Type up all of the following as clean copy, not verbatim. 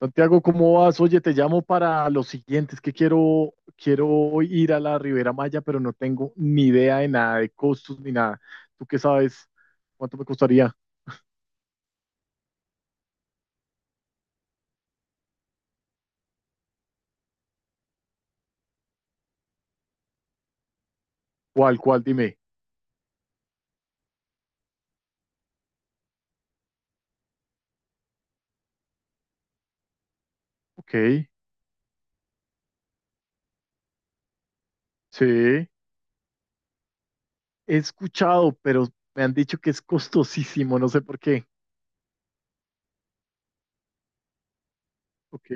Santiago, ¿cómo vas? Oye, te llamo para los siguientes que quiero ir a la Ribera Maya, pero no tengo ni idea de nada, de costos ni nada. ¿Tú qué sabes? ¿Cuánto me costaría? ¿Cuál, cuál? Dime. Ok, sí. He escuchado, pero me han dicho que es costosísimo, no sé por qué. Ok,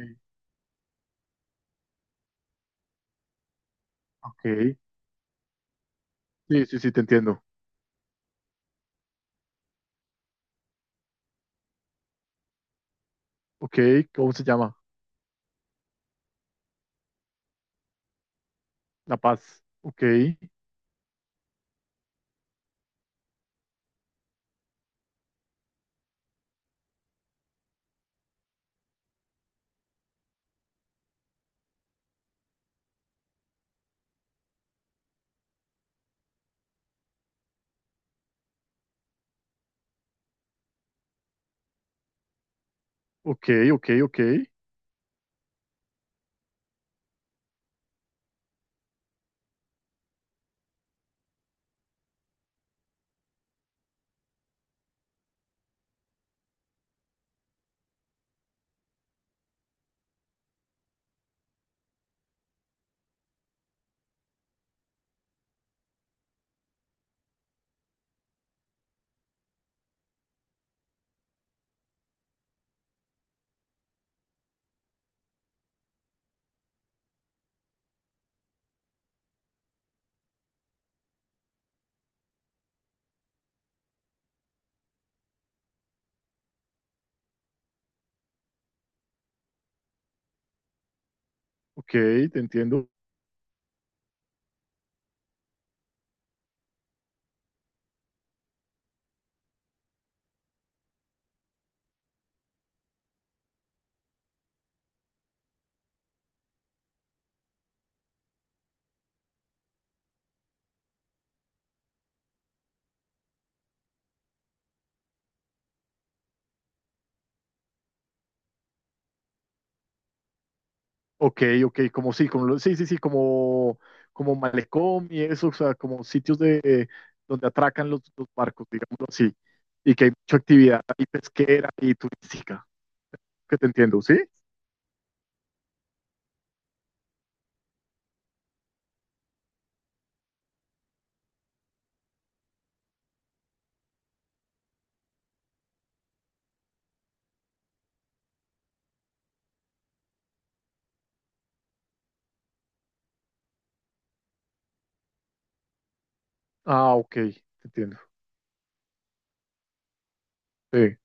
ok. Sí, sí, sí, te entiendo. Ok, ¿cómo se llama? La Paz. Ok, ok, ok, ok. Ok, te entiendo. Ok, ok, como sí, como sí, sí, sí, como, como malecón y eso, o sea, como sitios de donde atracan los barcos, digámoslo así, y que hay mucha actividad y pesquera y turística, que te entiendo, ¿sí? Ah, ok, te entiendo. Sí.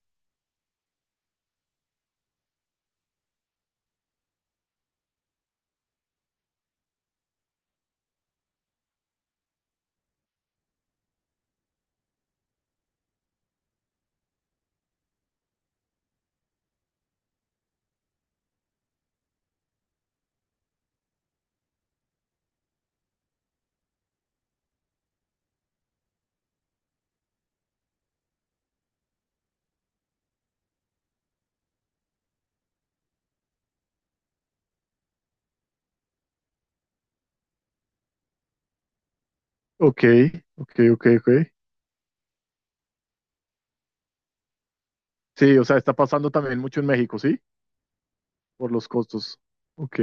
Ok, ok, ok, ok. Sí, o sea, está pasando también mucho en México, ¿sí? Por los costos. Ok.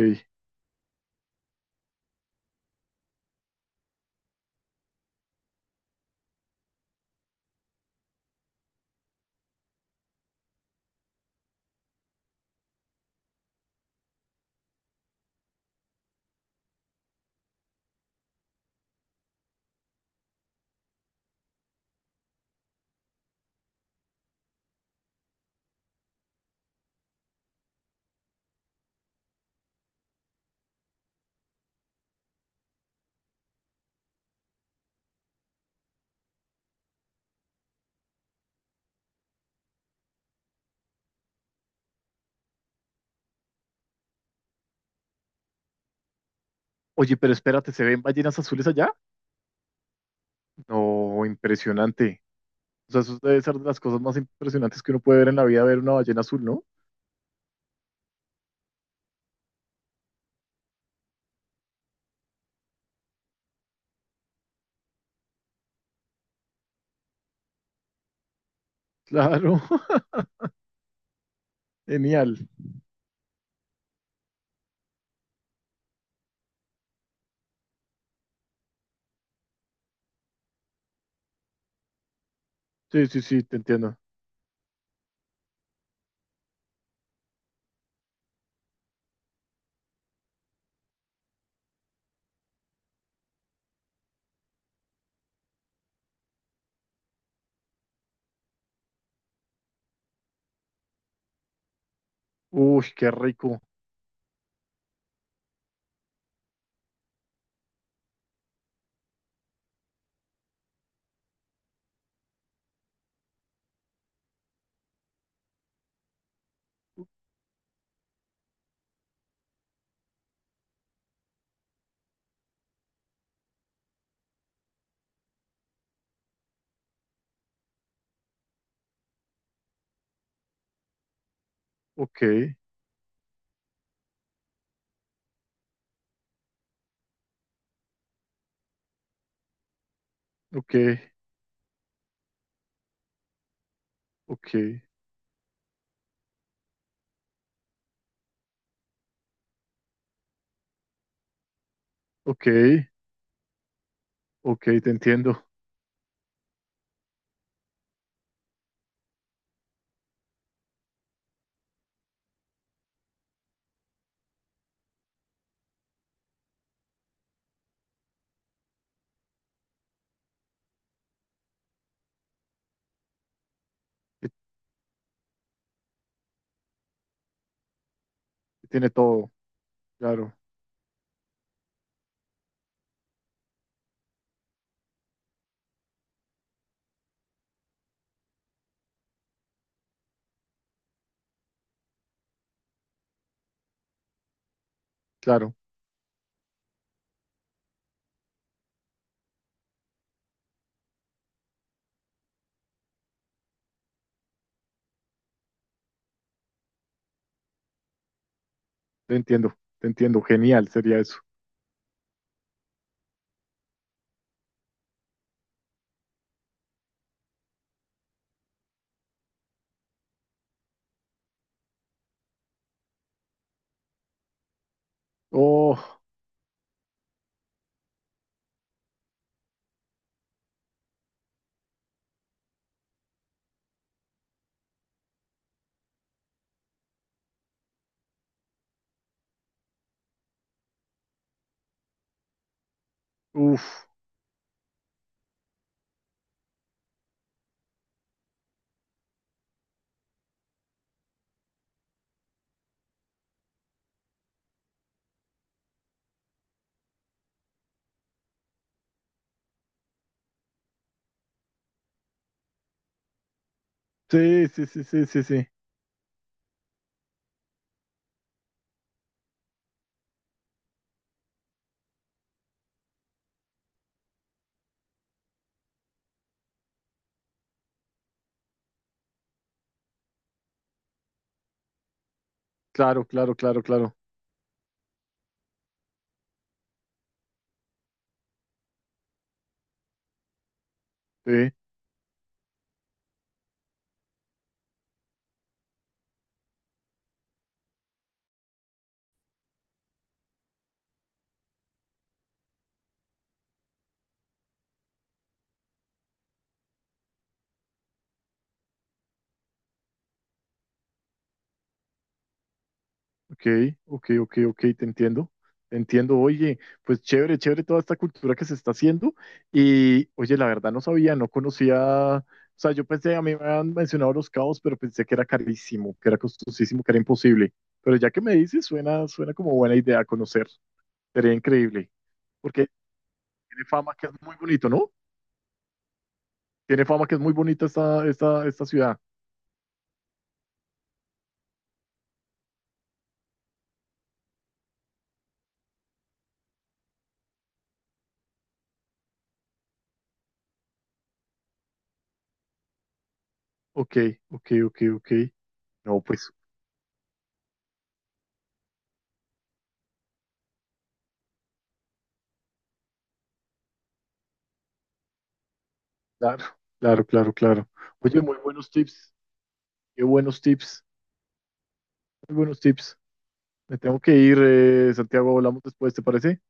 Oye, pero espérate, ¿se ven ballenas azules allá? No, impresionante. O sea, eso debe ser de las cosas más impresionantes que uno puede ver en la vida, ver una ballena azul, ¿no? Claro, genial. Sí, sí, sí, te entiendo. Uy, qué rico. Ok, ok, ok, ok, ok, te entiendo. Que- que tiene todo. Claro, claro, te entiendo, te entiendo. Genial sería eso. Oh, uff. Sí, sí, sí, sí, sí, sí. Claro, claro, claro, claro. Sí. Ok, ok, ok, ok, te entiendo. Te entiendo. Oye, pues chévere, chévere toda esta cultura que se está haciendo. Y oye, la verdad no sabía, no conocía. O sea, yo pensé, a mí me habían mencionado los cabos, pero pensé que era carísimo, que era costosísimo, que era imposible. Pero ya que me dices, suena, suena como buena idea conocer. Sería increíble. Porque tiene fama que es muy bonito, ¿no? Tiene fama que es muy bonita esta ciudad. Ok, ok, ok, ok. No, pues, claro, claro, claro, claro. Oye, muy buenos tips. Qué buenos tips, muy buenos tips. Me tengo que ir, Santiago, hablamos después, ¿te parece?